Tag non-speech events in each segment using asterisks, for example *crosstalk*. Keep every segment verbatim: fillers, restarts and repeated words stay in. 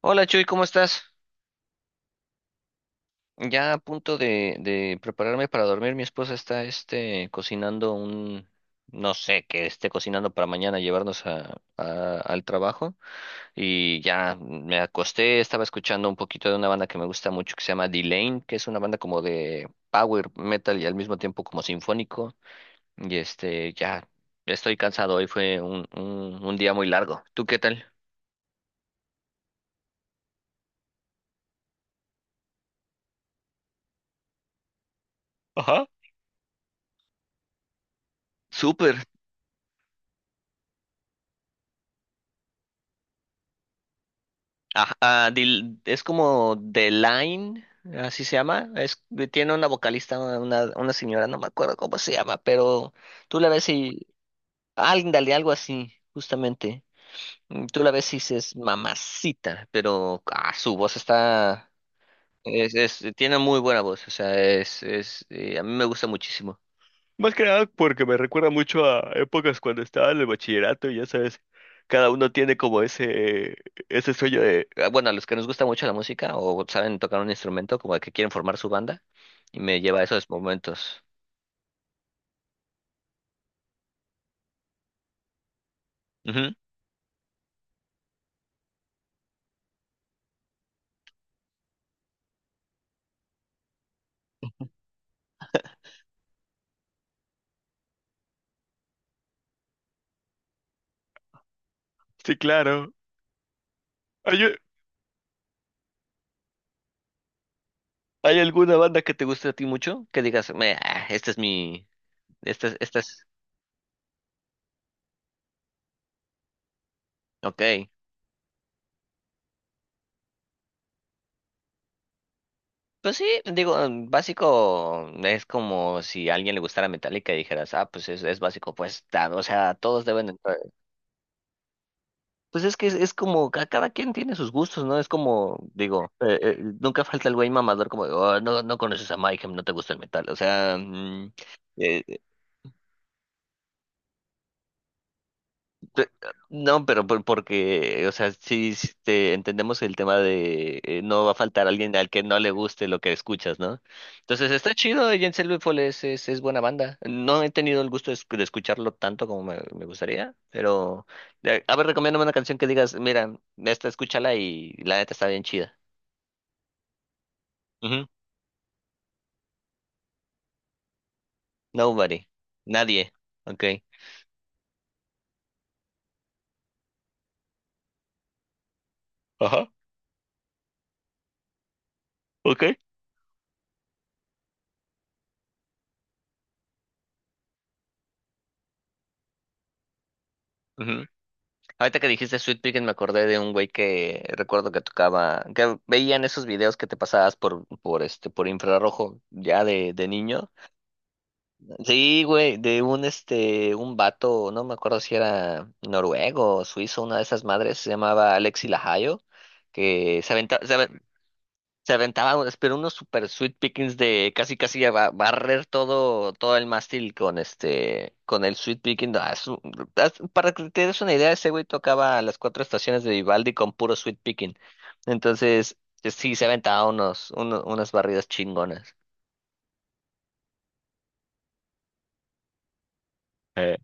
Hola, Chuy, ¿cómo estás? Ya a punto de, de prepararme para dormir. Mi esposa está este, cocinando un, no sé, que esté cocinando para mañana llevarnos a, a- al trabajo. Y ya me acosté, estaba escuchando un poquito de una banda que me gusta mucho que se llama D-Lane, que es una banda como de power metal y al mismo tiempo como sinfónico. Y este, ya estoy cansado, hoy fue un, un, un día muy largo. ¿Tú qué tal? Ajá. Súper. Ajá, ah, Dil- es como The Line, así se llama. Es, tiene una vocalista, una, una señora, no me acuerdo cómo se llama, pero tú la ves y… Ándale, algo así, justamente. Mm, tú la ves y dices mamacita, pero ah, su voz está… Es, es, tiene muy buena voz, o sea, es, es, eh, a mí me gusta muchísimo. Más que nada porque me recuerda mucho a épocas cuando estaba en el bachillerato y ya sabes, cada uno tiene como ese, ese sueño de… Ah, bueno, a los que nos gusta mucho la música o saben tocar un instrumento, como que quieren formar su banda, y me lleva a esos momentos. Ujú. Sí, claro. ¿Hay, hay alguna banda que te guste a ti mucho? Que digas, me, ah, este es mi, esta es- este es… Ok. Pues sí, digo, en básico mm, es como si a alguien le gustara Metallica y dijeras, ah, pues es, es básico, pues, ta-, o sea, todos deben… Pues es que es, es como, ca-, cada quien tiene sus gustos, ¿no? Es como, digo, eh, eh, nunca falta el güey mamador como, de: "Oh, no, no conoces a Mayhem, no te gusta el metal, o sea, mm…". eh, eh, pe- no, pero por- porque, o sea, sí, sí, este, entendemos el tema de eh, no va a faltar alguien al que no le guste lo que escuchas, ¿no? Entonces está chido, Jens Lethal es, es, es buena banda, no he tenido el gusto de, esc- de escucharlo tanto como me, me gustaría, pero, eh, a ver, recomiéndame una canción que digas, mira, esta escúchala y la neta está bien chida. Ujú. Nobody. Nadie. Ok. Ajá, ok. Ujú. Ahorita que dijiste Sweet Pickin' me acordé de un güey que recuerdo que tocaba, que veían esos videos que te pasabas por, por este, por infrarrojo ya de, de niño. Sí, güey, de un este, un vato, no me acuerdo si era noruego o suizo, una de esas madres, se llamaba Alexi Lahayo, que se aventaba… Se aventaba unos, pero unos super sweet pickings de casi casi a ba- barrer todo, todo el mástil con este, con el sweet picking. Ah, es un- as- para que te des una idea, ese güey tocaba las cuatro estaciones de Vivaldi con puro sweet picking. Entonces, eh, sí, se aventaba unos, uno- unas barridas chingonas. Eh,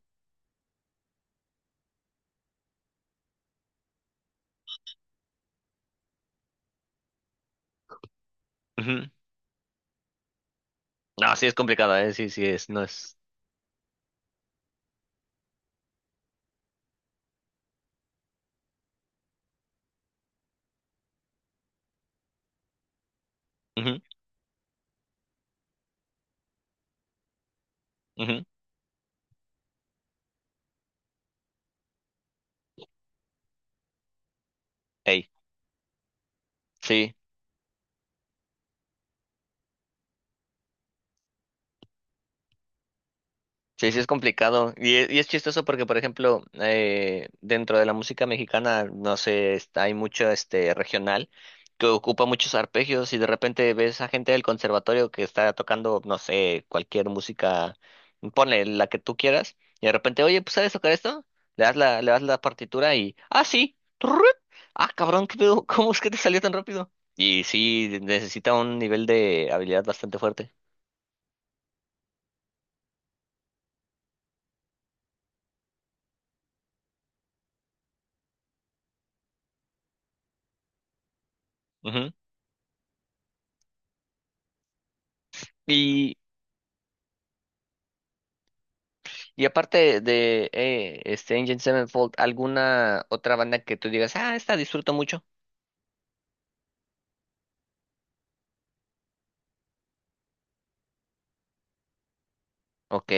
Ujú. No, sí es complicado, eh, sí, sí es, no es… Ujú, ujú. Ey, sí. Sí, sí es complicado. Y es, y es chistoso porque, por ejemplo, eh, dentro de la música mexicana, no sé, está- hay mucho este regional que ocupa muchos arpegios y de repente ves a gente del conservatorio que está tocando, no sé, cualquier música, ponle la que tú quieras, y de repente, oye, pues ¿sabes tocar esto? Le das la, le das la partitura y, ah, sí, Turrut… Ah, cabrón, ¿qué pedo? *laughs* ¿Cómo es que te salió tan rápido? Y sí, necesita un nivel de habilidad bastante fuerte. Ujú. Y aparte de eh, este Engine Sevenfold, ¿alguna otra banda que tú digas, ah, esta disfruto mucho? Ok,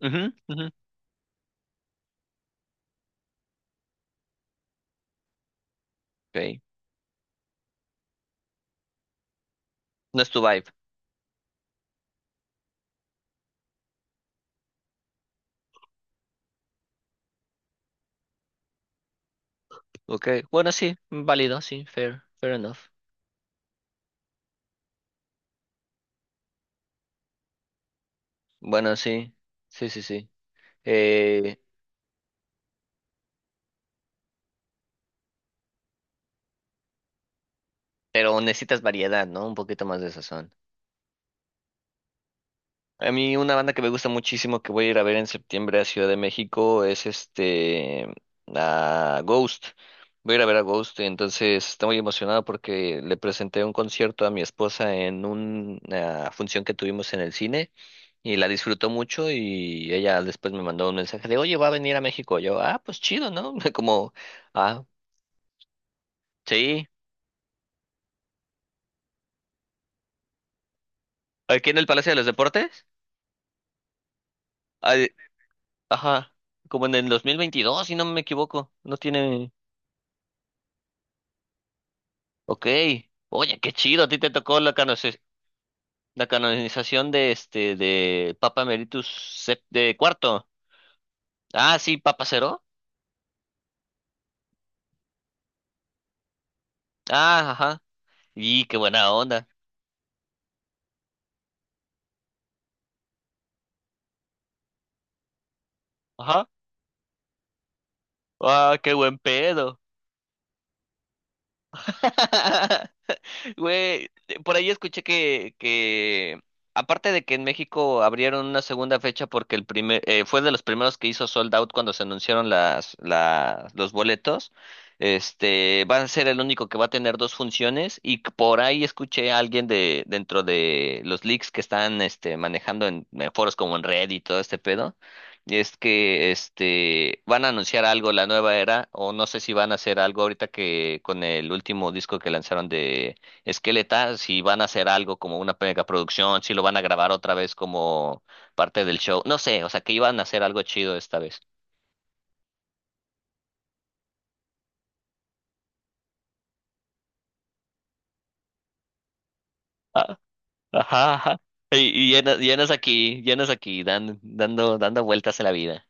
ujú, ujú, ok. No es tu vibe. Ok, bueno, sí, válido, sí, fair, fair enough. Bueno, sí, sí, sí, sí. Eh, pero necesitas variedad, ¿no? Un poquito más de sazón. A mí una banda que me gusta muchísimo que voy a ir a ver en septiembre a Ciudad de México es este a Ghost. Voy a ir a ver a Ghost, entonces estoy muy emocionado porque le presenté un concierto a mi esposa en un- una función que tuvimos en el cine y la disfrutó mucho y ella después me mandó un mensaje de, oye, va a venir a México. Yo, ah, pues chido, ¿no? *laughs* Como, ah, sí. Aquí en el Palacio de los Deportes. Ay, ajá, como en el dos mil veintidós, si no me equivoco. No tiene… Ok, oye, qué chido, a ti te tocó la, canoci- la canonización de este, de Papa Emeritus sep- de cuarto. Ah, sí, Papa Cero. Ah, ajá. Y qué buena onda. Ajá. Ah, qué buen pedo. *laughs* Güey, eh, por ahí escuché que, que aparte de que en México abrieron una segunda fecha porque el primer, eh, fue de los primeros que hizo sold out cuando se anunciaron las, la- los boletos, este, va a ser el único que va a tener dos funciones y que por ahí escuché a alguien de dentro de los leaks que están este, manejando en, en foros como en Reddit y todo este pedo. Y es que este van a anunciar algo la nueva era o no sé si van a hacer algo ahorita que con el último disco que lanzaron esqueleta, si van a hacer algo como una mega producción, si lo van a grabar otra vez como parte del show, no sé, o sea, que iban a hacer algo chido esta vez. Ah, ajá, ajá. Y, y llenas, llenas aquí, llenas aquí, dan, dando, dando vueltas a la vida.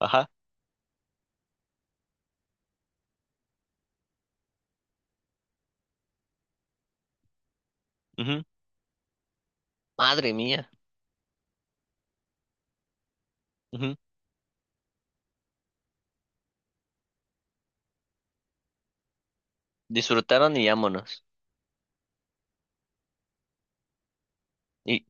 Ajá. Ujú. Madre mía. Ujú. Disfrutaron y vámonos. Y,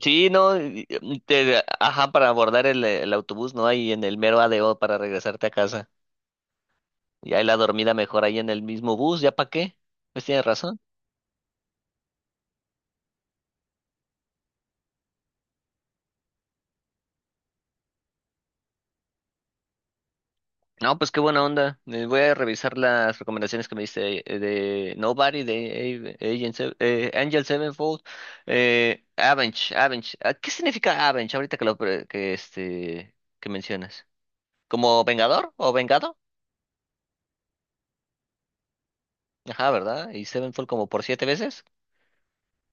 sí, no, y- y te- ajá, para abordar el, el autobús, ¿no? Hay en el mero A D O para regresarte a casa. Y ahí la dormida mejor ahí en el mismo bus, ¿ya para qué? Pues tienes razón. No, pues qué buena onda. Eh, Voy a revisar las recomendaciones que me diste eh, de Nobody, de A- Agent Se- eh, Angel Sevenfold, eh, Avenge, Avenge. Ah, ¿qué significa Avenge ahorita que lo pre- que este que mencionas? ¿Como vengador o vengado? Ajá, ¿verdad? Y Sevenfold como por siete veces,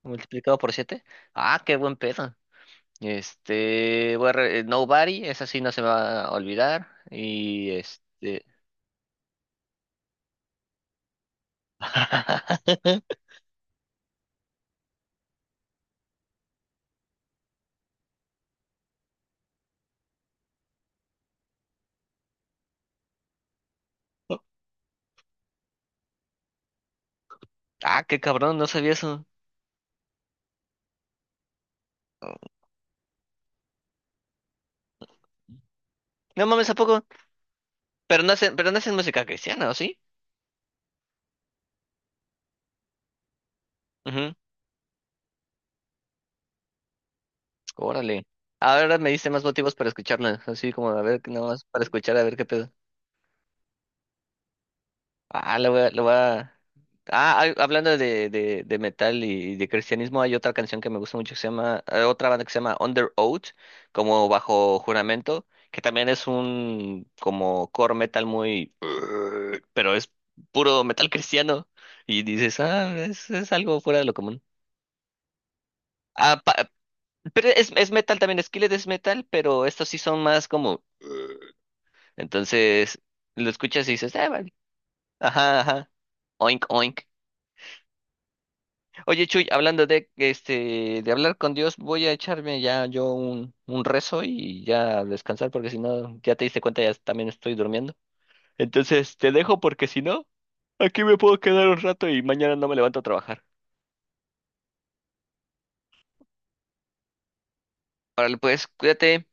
multiplicado por siete. Ah, qué buen pedo. Este, voy a re- eh, Nobody, esa sí no se me va a olvidar. Y este… *laughs* Ah, qué cabrón, no sabía eso. No mames, ¿a poco? Pero no hacen, pero no hacen música cristiana, ¿o sí? Ujú. Órale. Ahora me diste más motivos para escucharla. Así como, a ver, nada más para escuchar, a ver qué pedo. Ah, lo voy a, lo voy a… Ah, hay- hablando de, de, de metal y de cristianismo, hay otra canción que me gusta mucho que se llama, eh, otra banda que se llama Under Oath, como bajo juramento, que también es un como core metal muy, pero es puro metal cristiano. Y dices, ah, es, es algo fuera de lo común. Ah, pero es, es metal también, Skillet es metal, pero estos sí son más como… Entonces, lo escuchas y dices, ah, vale. Ajá, ajá. Oink, oink. Oye, Chuy, hablando de este, de hablar con Dios, voy a echarme ya yo un, un rezo y ya a descansar, porque si no, ya te diste cuenta, ya también estoy durmiendo. Entonces, te dejo porque si no, aquí me puedo quedar un rato y mañana no me levanto a trabajar. Órale, pues, cuídate.